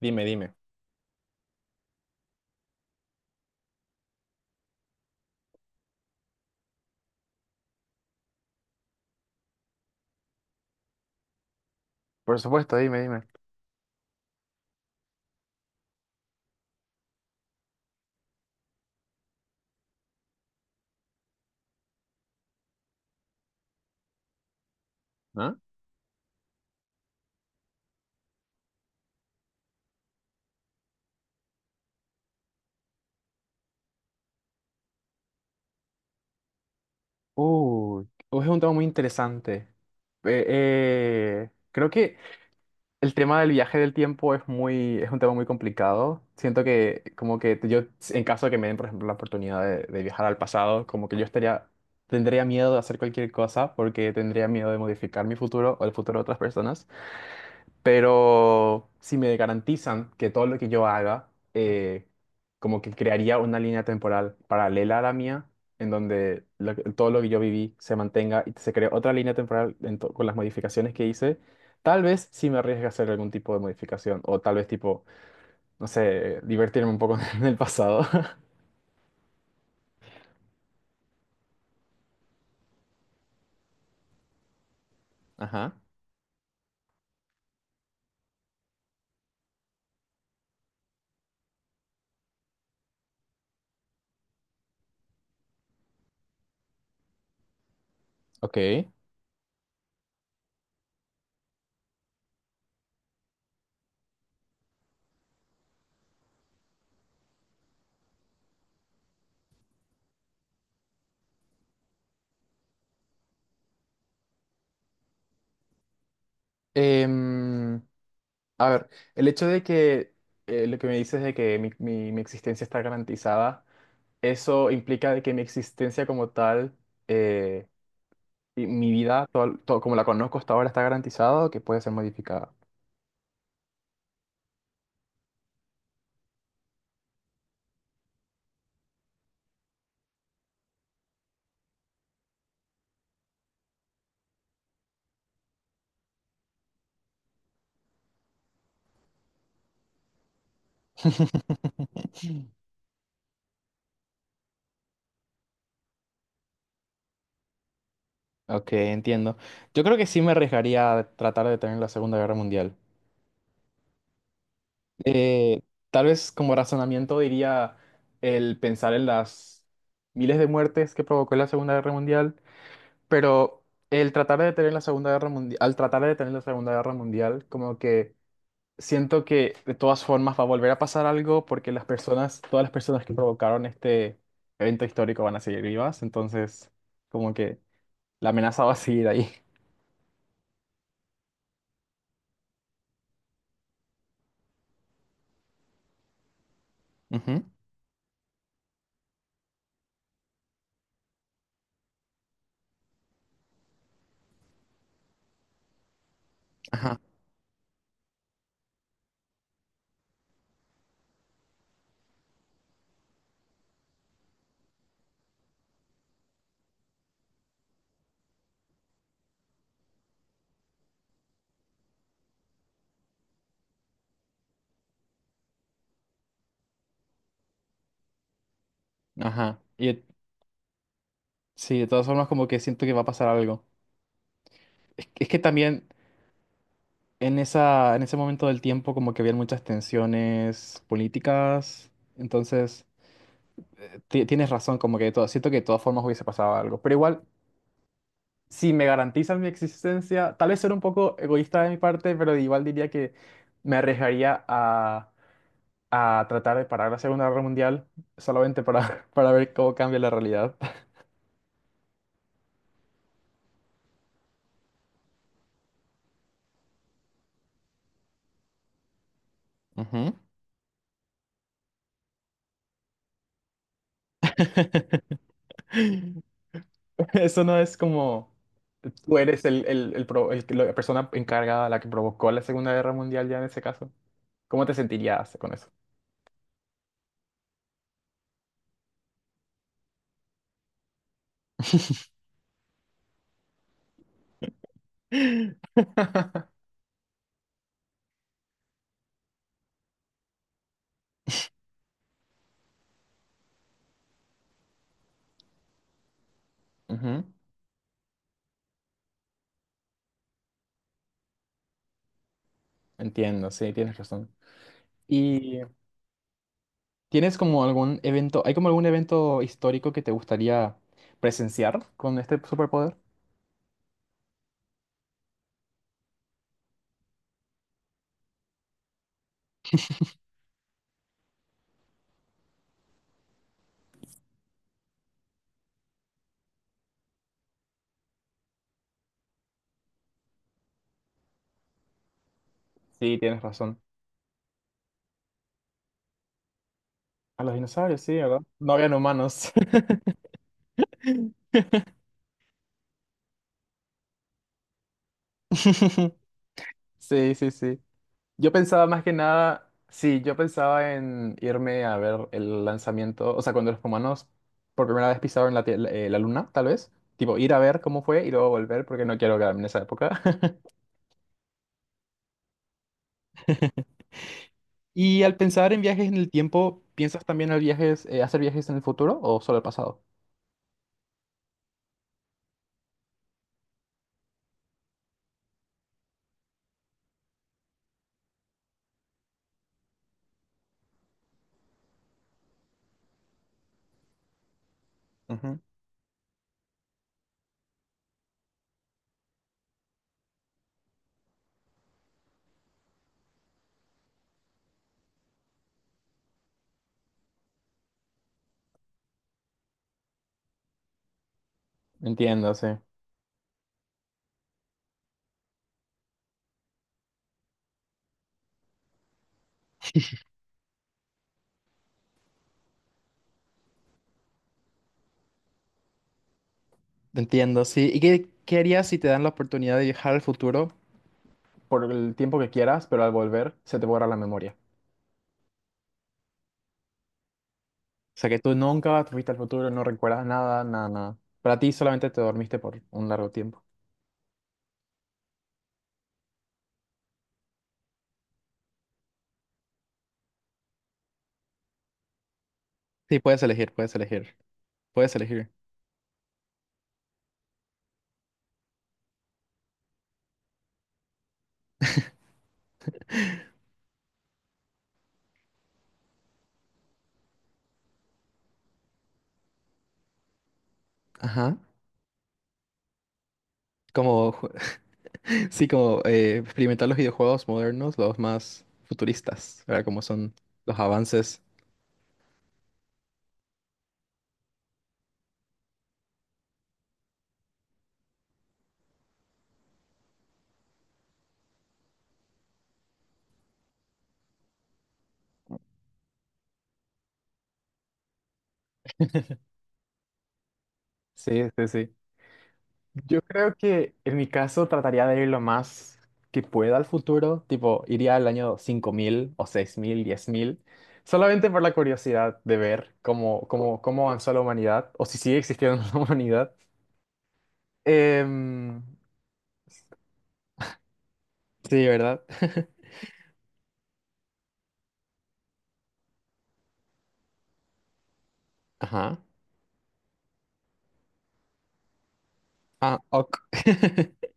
Dime, dime. Por supuesto, dime, dime. ¿Ah? Uh, es un tema muy interesante. Creo que el tema del viaje del tiempo es un tema muy complicado. Siento que como que yo, en caso de que me den, por ejemplo, la oportunidad de viajar al pasado, como que yo estaría, tendría miedo de hacer cualquier cosa porque tendría miedo de modificar mi futuro o el futuro de otras personas. Pero si me garantizan que todo lo que yo haga, como que crearía una línea temporal paralela a la mía, en donde todo lo que yo viví se mantenga y se cree otra línea temporal con las modificaciones que hice, tal vez sí me arriesgue a hacer algún tipo de modificación, o tal vez tipo, no sé, divertirme un poco en el pasado. Ajá, ok. Em, a ver, el hecho de que lo que me dices de que mi existencia está garantizada. Eso implica de que mi existencia como tal, eh, y mi vida, todo como la conozco hasta ahora, está garantizado que puede ser modificada. Ok, entiendo. Yo creo que sí me arriesgaría a tratar de tener la Segunda Guerra Mundial. Eh, Tal vez como razonamiento diría el pensar en las miles de muertes que provocó la Segunda Guerra Mundial, pero el tratar de detener la Segunda Guerra Mundial, al tratar de detener la Segunda Guerra Mundial, como que siento que de todas formas va a volver a pasar algo porque las personas, todas las personas que provocaron este evento histórico van a seguir vivas, entonces como que la amenaza va a seguir ahí. Ujú, ajá, ajá. Sí, de todas formas como que siento que va a pasar algo. Que es que también en en ese momento del tiempo como que habían muchas tensiones políticas, entonces tienes razón, como que siento que de todas formas hubiese pasado algo, pero igual... Si me garantizan mi existencia, tal vez ser un poco egoísta de mi parte, pero igual diría que me arriesgaría a tratar de parar la Segunda Guerra Mundial solamente para, para ver cómo cambia la realidad. Ujú. Eso no es como tú eres el, la persona encargada, la que provocó la Segunda Guerra Mundial ya en ese caso. ¿Cómo te sentirías con eso? Ujú. Entiendo, sí, tienes razón. ¿Tienes como algún evento, hay como algún evento histórico que te gustaría presenciar con este superpoder? Sí, tienes razón. A los dinosaurios, sí, ¿verdad? No habían humanos. Sí, sí, sí. Yo pensaba más que nada, sí, yo pensaba en irme a ver el lanzamiento, o sea, cuando los humanos por primera vez pisaron la, tie- la la luna, tal vez. Tipo, ir a ver cómo fue y luego volver porque no quiero quedarme en esa época. Y al pensar en viajes en el tiempo, ¿piensas también en viajes, hacer viajes en el futuro o solo el pasado? Entiendo, sí. Entiendo, sí. ¿Y qué, qué harías si te dan la oportunidad de viajar al futuro? Por el tiempo que quieras, pero al volver se te borra la memoria. O sea que tú nunca fuiste al futuro, no recuerdas nada, nada, nada. Para ti solamente te dormiste por un largo tiempo. Sí, puedes elegir, puedes elegir. Puedes elegir. Ajá. Como, sí, como experimentar los videojuegos modernos, los más futuristas, ¿verdad? Como son los avances. Sí, sí, sí. Yo creo que en mi caso trataría de ir lo más que pueda al futuro, tipo iría al año 5000 o 6000, 10.000, solamente por la curiosidad de ver cómo, cómo, cómo avanzó la humanidad o si sigue existiendo la humanidad. Em, sí, ¿verdad? Ajá. Ah, ok.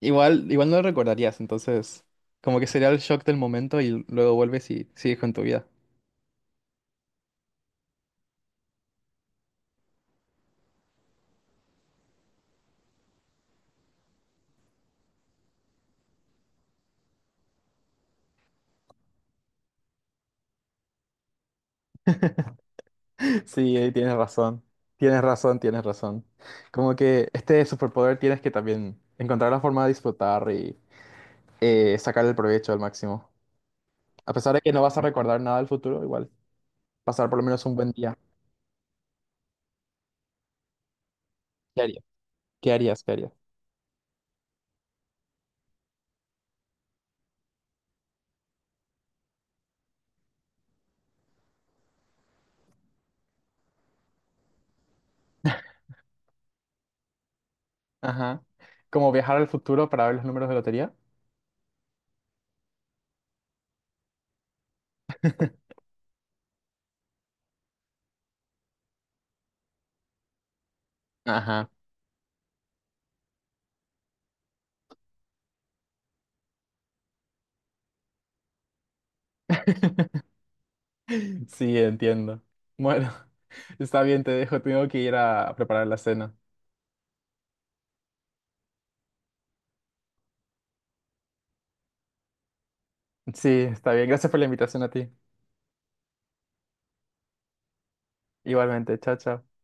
Igual, igual no lo recordarías, entonces como que sería el shock del momento y luego vuelves y sigues con tu vida. Sí, ahí tienes razón. Tienes razón, tienes razón. Como que este superpoder tienes que también encontrar la forma de disfrutar y sacar el provecho al máximo. A pesar de que no vas a recordar nada del futuro, igual pasar por lo menos un buen día. ¿Qué harías? ¿Qué harías? ¿Qué harías? Ajá. Como viajar al futuro para ver los números de lotería. Ajá. Sí, entiendo. Bueno, está bien, te dejo. Tengo que ir a preparar la cena. Sí, está bien. Gracias por la invitación a ti. Igualmente, chao, chao.